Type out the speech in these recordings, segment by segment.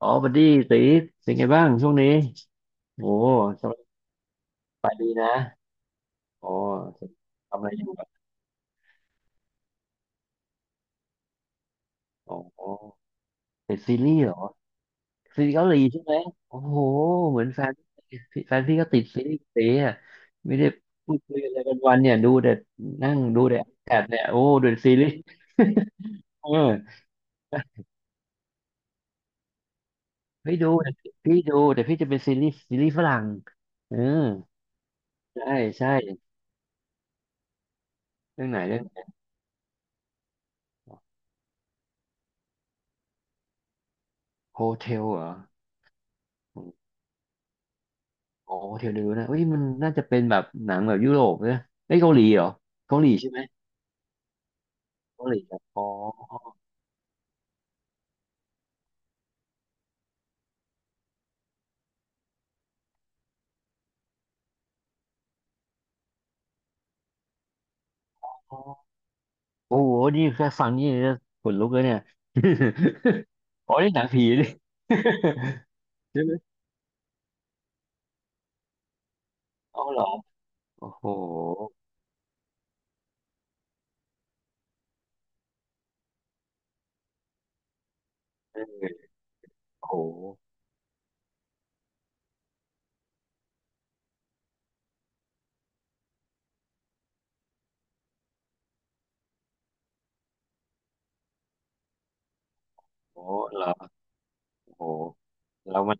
อ๋อบัดดี้ตีเป็นไงบ้างช่วงนี้โอ้สบายดีนะอ๋อทำอะไรอยู่อะอ๋อติดซีรีส์เหรอซีรีส์เกาหลีใช่ไหมโอ้โหเหมือนแฟนพี่แฟนพี่ก็ติดซีรีส์เต๋อะไม่ได้พูดคุยอะไรกันวันเนี่ยดูแต่นั่งดูแต่แอดเนี่ยโอ้ดูแต่ซีรีส์เออพี่ดูแต่พี่ดูแต่พี่จะเป็นซีรีส์ฝรั่งเออใช่ใช่เรื่องไหนเรื่องโฮเทลเหรอ โอ้เทลนิวนะเอ้ยมันน่าจะเป็นแบบหนังแบบยุโรปเนะไอ้ยเกาหลีเหรอเกาหลีใช่ไหมเกาหลีครับอ๋ออ๋อโอ้โหนี่แค่ฟังนี่จะขนลุกเลยเนี่ย อ๋อนี่หนังผีนี่ ใช่ไหมเอาเหรอโอ้โหเออโอ้โหโอ้เหรอโอ้โหแล้วมัน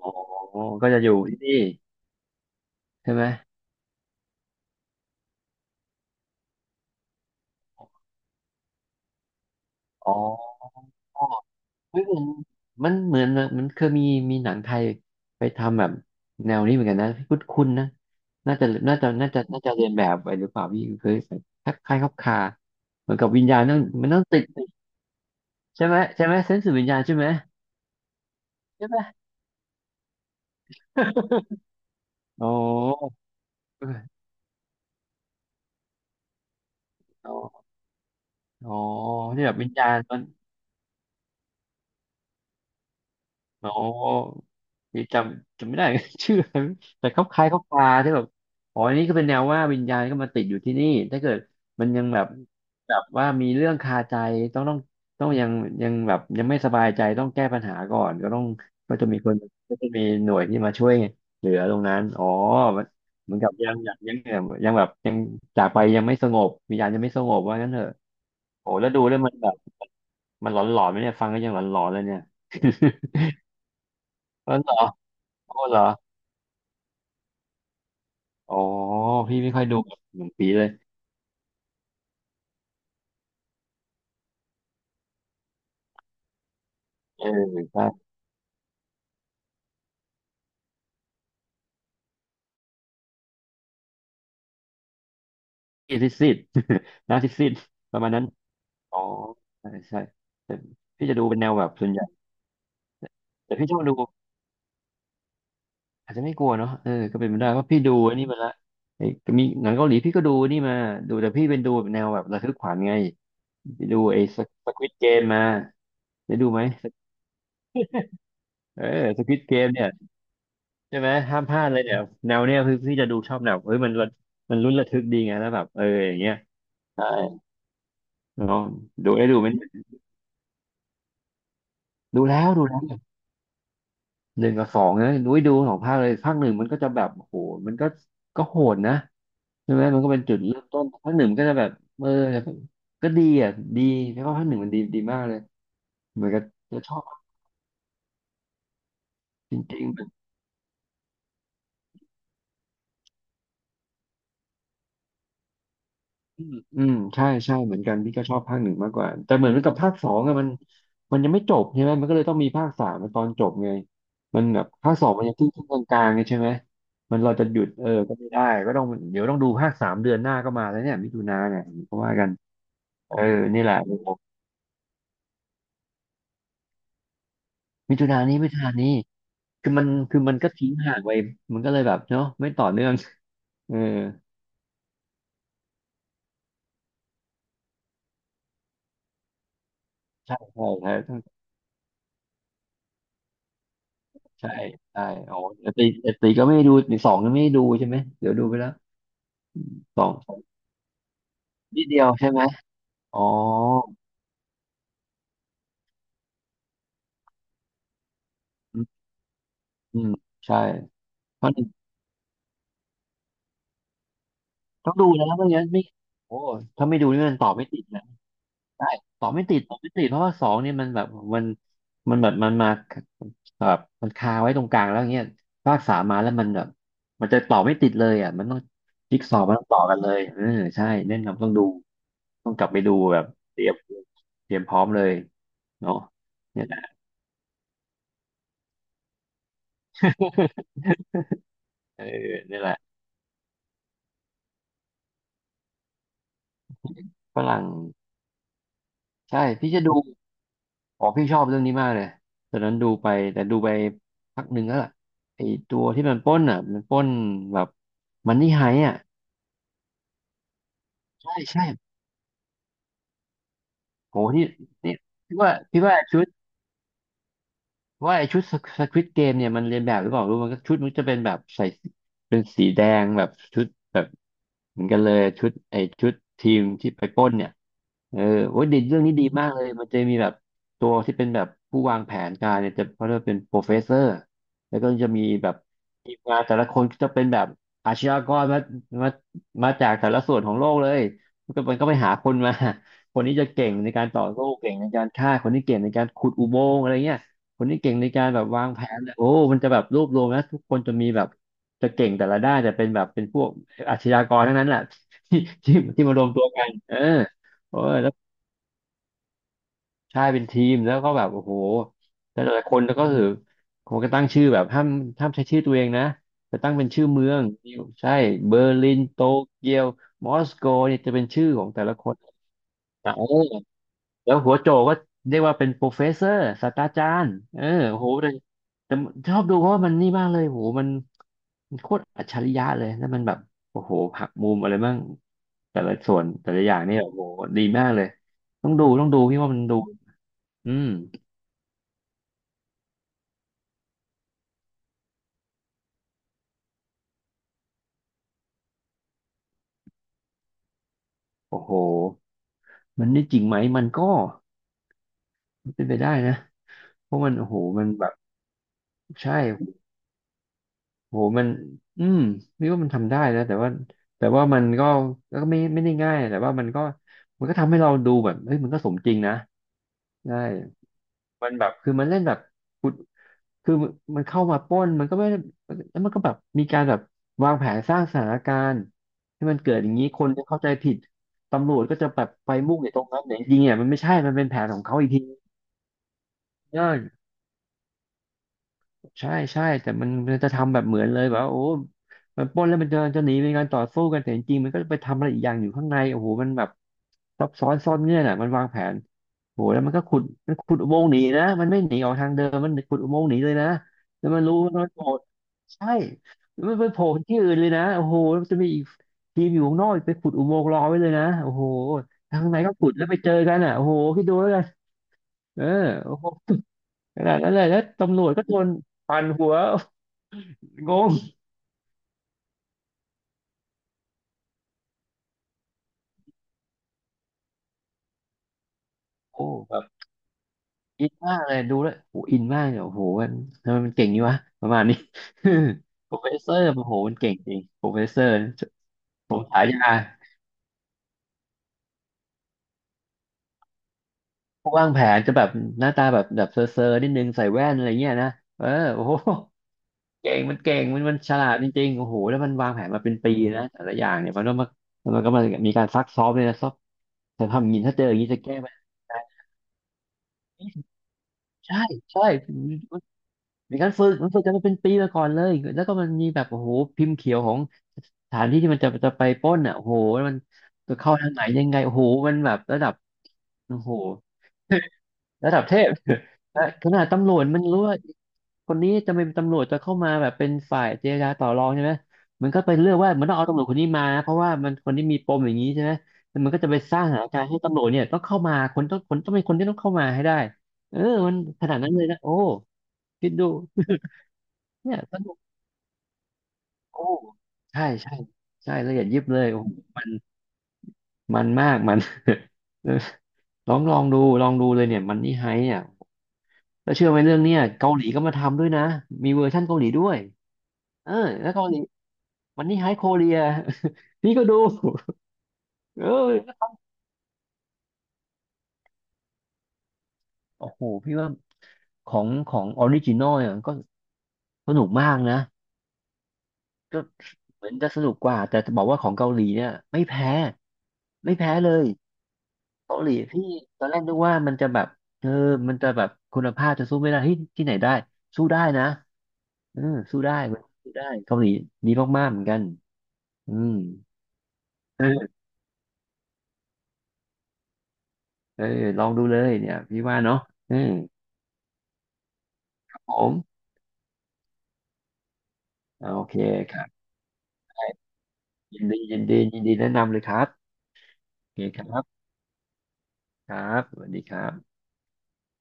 อ๋อก็จะอยู่ที่นี่ใช่ไหมอ๋อ ไม่เหมือนมันเหมือนแบบมันเคยมีมีหนังไทยไปทำแบบแนวนี้เหมือนกันนะคุ้นคุ้นนะน่าจะเรียนแบบไปหรือเปล่าพี่เคยทักคล้ายๆคลับคาเหมือนกับวิญญาณต้องมันต้องติดใช่ไหมเซนส์วิญญาณใช่ไหมใช่ไหม อ๋ออ๋ออ๋อที่แบบวิญญาณมัน อ๋อนี่จำไม่ได้ ชื่ออะไรแต่เขาคล้ายเขาปลาที่แบบอ๋ออันนี้ก็เป็นแนวว่าวิญญาณก็มาติดอยู่ที่นี่ถ้าเกิดมันยังแบบแบบว่ามีเรื่องคาใจต้องต้องต้องยังยังแบบยังไม่สบายใจต้องแก้ปัญหาก่อนก็ต้องก็จะมีคนก็จะมีหน่วยที่มาช่วยเหลือตรงนั้น อ๋อ มันเหมือนกับยังแบบยังจากไปยังไม่สงบวิญญาณยังไม่สงบว่างั้นเถอะโอ้แล้วดูแล้วมันแบบมันหลอนๆไหมเนี่ยฟังก็ยังหลอนๆเลยเนี่ย หลอนๆ โอ้เหรออ๋อพี่ไม่ค่อยดูหนังผีเลยเออใช่พี่ซิดซิด หนาซิดซิด ประมาณนั้นอ๋อใช่ใช่พี่จะดูเป็นแนวแบบส่วนใหญ่แต่พี่ชอบดูอาจจะไม่กลัวเนาะเออก็เป็นไปได้เพราะพี่ดูอันนี้มาละไอ้มีหนังเกาหลีพี่ก็ดูนี่มาดูแต่พี่เป็นดูแบบแนวแบบระทึกขวัญไงไปดูไอ้สควิดเกมมาได้ดูไหมเออสควิดเกมเนี่ยใช่ไหมห้ามพลาดเลยเนี่ยแนวเนี้ยคือพี่จะดูชอบแบบเอ้ยมันลุ้นระทึกดีไงแล้วแบบเอออย่างเงี้ยใช่ เนาะดูไอ้ดูมันดูแล้วหนึ่งกับสองนะนุ้ยดูสองภาคเลยภาคหนึ่งมันก็จะแบบโอ้โหมันก็โหดนะใช่ไหมมันก็เป็นจุดเริ่มต้นภาคหนึ่งมันก็จะแบบเออก็ดีอ่ะดีแล้วก็ภาคหนึ่งมันดีมากเลยเหมือนกับจะชอบจริงๆ อืมใช่ใช่เหมือนกันพี่ก็ชอบภาคหนึ่งมากกว่าแต่เหมือนกับภาคสองอะมันยังไม่จบใช่ไหมมันก็เลยต้องมีภาคสามตอนจบไงมันแบบภาคสองมันยังครึ่งคกลางๆไงใช่ไหมมันเราจะหยุดเออก็ไม่ได้ก็ต้องเดี๋ยวต้องดูภาคสามเดือนหน้าก็มาแล้วเนี่ยมิถุนาเนี่ยก็ว่ากันเออนี่แหละ้มิถุนานี้มิถุนานี้คือมันคือมันก็ทิ้งห่างไปมันก็เลยแบบเนาะไม่ต่อเนื่องเออใช่ใช่ใช่ใช่ใช่อ๋อแต่ตีแต่ตีก็ไม่ได้ดูสองก็ไม่ได้ดูใช่ไหมเดี๋ยวดูไปแล้วสอง นิดเดียวใช่ไหมอ๋ออืมอืมใช่เพราะหนึ่งต้องดูนะไม่งั้นไม่โอ้ถ้าไม่ดูนี่มันตอบไม่ติดนะใช่ตอบไม่ติดตอบไม่ติดเพราะว่าสองเนี่ยมันแบบมันมันแบบมันมาแบบมันคาไว้ตรงกลางแล้วเงี้ยภาคสามมาแล้วมันแบบมันจะต่อไม่ติดเลยอ่ะมันต้องจิ๊กซอว์มันต้องต่อกันเลยเออใช่แนะนำต้องดูต้องกลับไปดูแบบเตรียมเตรียมพร้อมเลยเนาะเนี่ยแหละเออเนี่ยแหละฝรั่งใช่พี่จะดู อ๋อพี่ชอบเรื่องนี้มากเลยตอนนั้นดูไปแต่ดูไปพักหนึ่งแล้วล่ะไอตัวที่มันปล้นอ่ะมันปล้นแบบมันนี่ไฮอ่ะใช่ใช่โหที่นี่พี่ว่าชุดว่าไอชุดสควิดเกมเนี่ยมันเรียนแบบหรือเปล่ารู้มันก็ชุดมันจะเป็นแบบใส่ เป็นสีแดงแบบชุดแบบเหมือนกันเลยชุดไอชุดทีมที่ไปปล้นเนี่ยเออโอ้ยดีเรื่องนี้ดีมากเลยมันจะมีแบบตัวที่เป็นแบบผู้วางแผนการเนี่ยจะเขาเรียกว่าเป็นโปรเฟสเซอร์แล้วก็จะมีแบบทีมงานแต่ละคนก็จะเป็นแบบอาชญากรมามาจากแต่ละส่วนของโลกเลยมันก็ไปหาคนมาคนนี้จะเก่งในการต่อสู้เก่งในการฆ่าคนนี้เก่งในการขุดอุโมงค์อะไรเงี้ยคนนี้เก่งในการแบบวางแผนเลยโอ้มันจะแบบรวบรวมนะทุกคนจะมีแบบ จะเก่งแต่ละด้านแต่เป็นแบบเป็นพวกอาชญากรทั้งนั้นแหละ ที่ที่มารวมตัวกันเอออแล้วใช่เป็นทีมแล้วก็แบบโอ้โหแต่ละคนแล้วก็คือผมก็ตั้งชื่อแบบห้ามใช้ชื่อตัวเองนะจะตั้งเป็นชื่อเมืองใช่เบอร์ลินโตเกียวมอสโกเนี่ยจะเป็นชื่อของแต่ละคนเออ แล้วหัวโจก็เรียกว่าเป็นโปรเฟสเซอร์ศาสตราจารย์เออโหแต่ชอบดูเพราะว่ามันนี่มากเลยโหมันมันโคตรอัจฉริยะเลยแล้วมันแบบโอ้โหหักมุมอะไรบ้างแต่ละส่วนแต่ละอย่างนี่โอ้โหดีมากเลยต้องดูพี่ว่ามันดูอืมโอ้โหมันนี่จริงไหมมันก็เป็นไปได้นะเพราะมันโอ้โหมันแบบใช่ โหมันอืมพี่ว่ามันทำได้นะแต่ว่ามันก็ก็ไม่ได้ง่ายแต่ว่ามันก็มันก็ทำให้เราดูแบบเฮ้ยมันก็สมจริงนะใช่มันแบบคือมันเล่นแบบกุดคือมันเข้ามาปล้นมันก็ไม่ได้แล้วมันก็แบบมีการแบบวางแผนสร้างสถานการณ์ให้มันเกิดอย่างนี้คนจะเข้าใจผิดตำรวจก็จะแบบไปมุ่งในตรงนั้นแต่จริงๆเนี่ยมันไม่ใช่มันเป็นแผนของเขาอีกทีเออ ใช่ใช่แต่มันจะทำแบบเหมือนเลยแบบว่าโอ้มันปล้นแล้วมันจะหนีเป็นการต่อสู้กันแต่จริงๆมันก็ไปทำอะไรอีกอย่างอยู่ข้างในโอ้โหมันแบบซับซ้อนซ่อนเงื่อนอ่ะมันวางแผนโอ้โหแล้วมันก็ขุดมันขุดอุโมงค์หนีนะมันไม่หนีออกทางเดิมมันขุดอุโมงค์หนีเลยนะแล้วมันรู้ว่ามันโผล่ใช่แล้วมันไปโผล่ที่อื่นเลยนะโอ้โหแล้วมันจะมีอีกทีมอยู่ข้างนอกไปขุดอุโมงค์รอไว้เลยนะโอ้โหทางไหนก็ขุดแล้วไปเจอกันอ่ะโอ้โหคิดดูแล้วกันเออโอ้โหขนาดนั้นเลยแล้วตำรวจก็โดนปั่นหัว งงโอ้แบบอินมากเลยดูแล้วโอ้อินมากเลยโอ้โหมันทำไมมันเก่งยนี่วะประมาณนี้ โปรเฟสเซอร์โอ้โหมันเก่งจริงโปรเฟสเซอร์ผมฉายาผู้วางแผนจะแบบหน้าตาแบบแบบเซอร์นิดนึงใส่แว่นอะไรเงี้ยนะเออโอ้โหเก่งมันฉลาดจริงๆโอ้โหแล้วมันวางแผนมาเป็นปีนะแต่ละอย่างเนี่ยมันก็มามีการซักซ้อมเลยนะซักแต่ทำอย่างนี้ถ้าเจออย่างนี้จะแก้ปัญหาใช่ใช่มีการฝึกมันฝึกกันมาเป็นปีมาก่อนเลยแล้วก็มันมีแบบโอ้โหพิมพ์เขียวของ สถานที่ที่มันจะจะไปปล้นอ่ะโอ้โหมันจะเข้าทางไหนยังไงโอ้โหมันแบบระดับโอ้โหระดับเทพ และขนาดตำรวจมันรู้ว่าคนนี้จะเป็นตำรวจจะเข้ามาแบบเป็นฝ่ายเจรจาต่อรองใช่ไหมมันก็ไปเลือกว่ามันต้องเอาตำรวจคนนี้มาเพราะว่ามันคนนี้มีปมอย่างนี้ใช่ไหมแล้วมันก็จะไปสร้างสถานการณ์ให้ตำรวจเนี่ยต้องเข้ามาคนต้องเป็นคนที่ต้องเข้ามาให้ได้เออมันขนาดนั้นเลยนะโอ้คิดดูเนี่ยสนุกโอ้ใช่ใช่ใช่ละเอียดยิบเลยโอ้โหมันมันมากมัน เออ ลองดูเลยเนี่ยมันนี่ไฮเนี่ยแล้วเชื่อไหมเรื่องเนี่ยเกาหลีก็มาทำด้วยนะมีเวอร์ชั่นเกาหลีด้วยเออแล้วเกาหลีมันนี่ไฮโคเรีย พี่ก็ดูเออโอ้โหพี่ว่าของออริจินอลเนี่ยมันก็สนุกมากนะก็เหมือนจะสนุกกว่าแต่จะบอกว่าของเกาหลีเนี่ยไม่แพ้เลยเกาหลีพี่ตอนแรกนึกว่ามันจะแบบเออมันจะแบบคุณภาพจะสู้ไม่ได้เฮ้ยที่ไหนได้สู้ได้นะ เออสู้ได้เกาหลีดีมากๆเหมือนกันอืมเออลองดูเลยเนี่ยพี่ว่าเนาะอืมครับผมอ่าโอเคครับยินดีแนะนำเลยครับโอเคครับครับสวัสดีครับ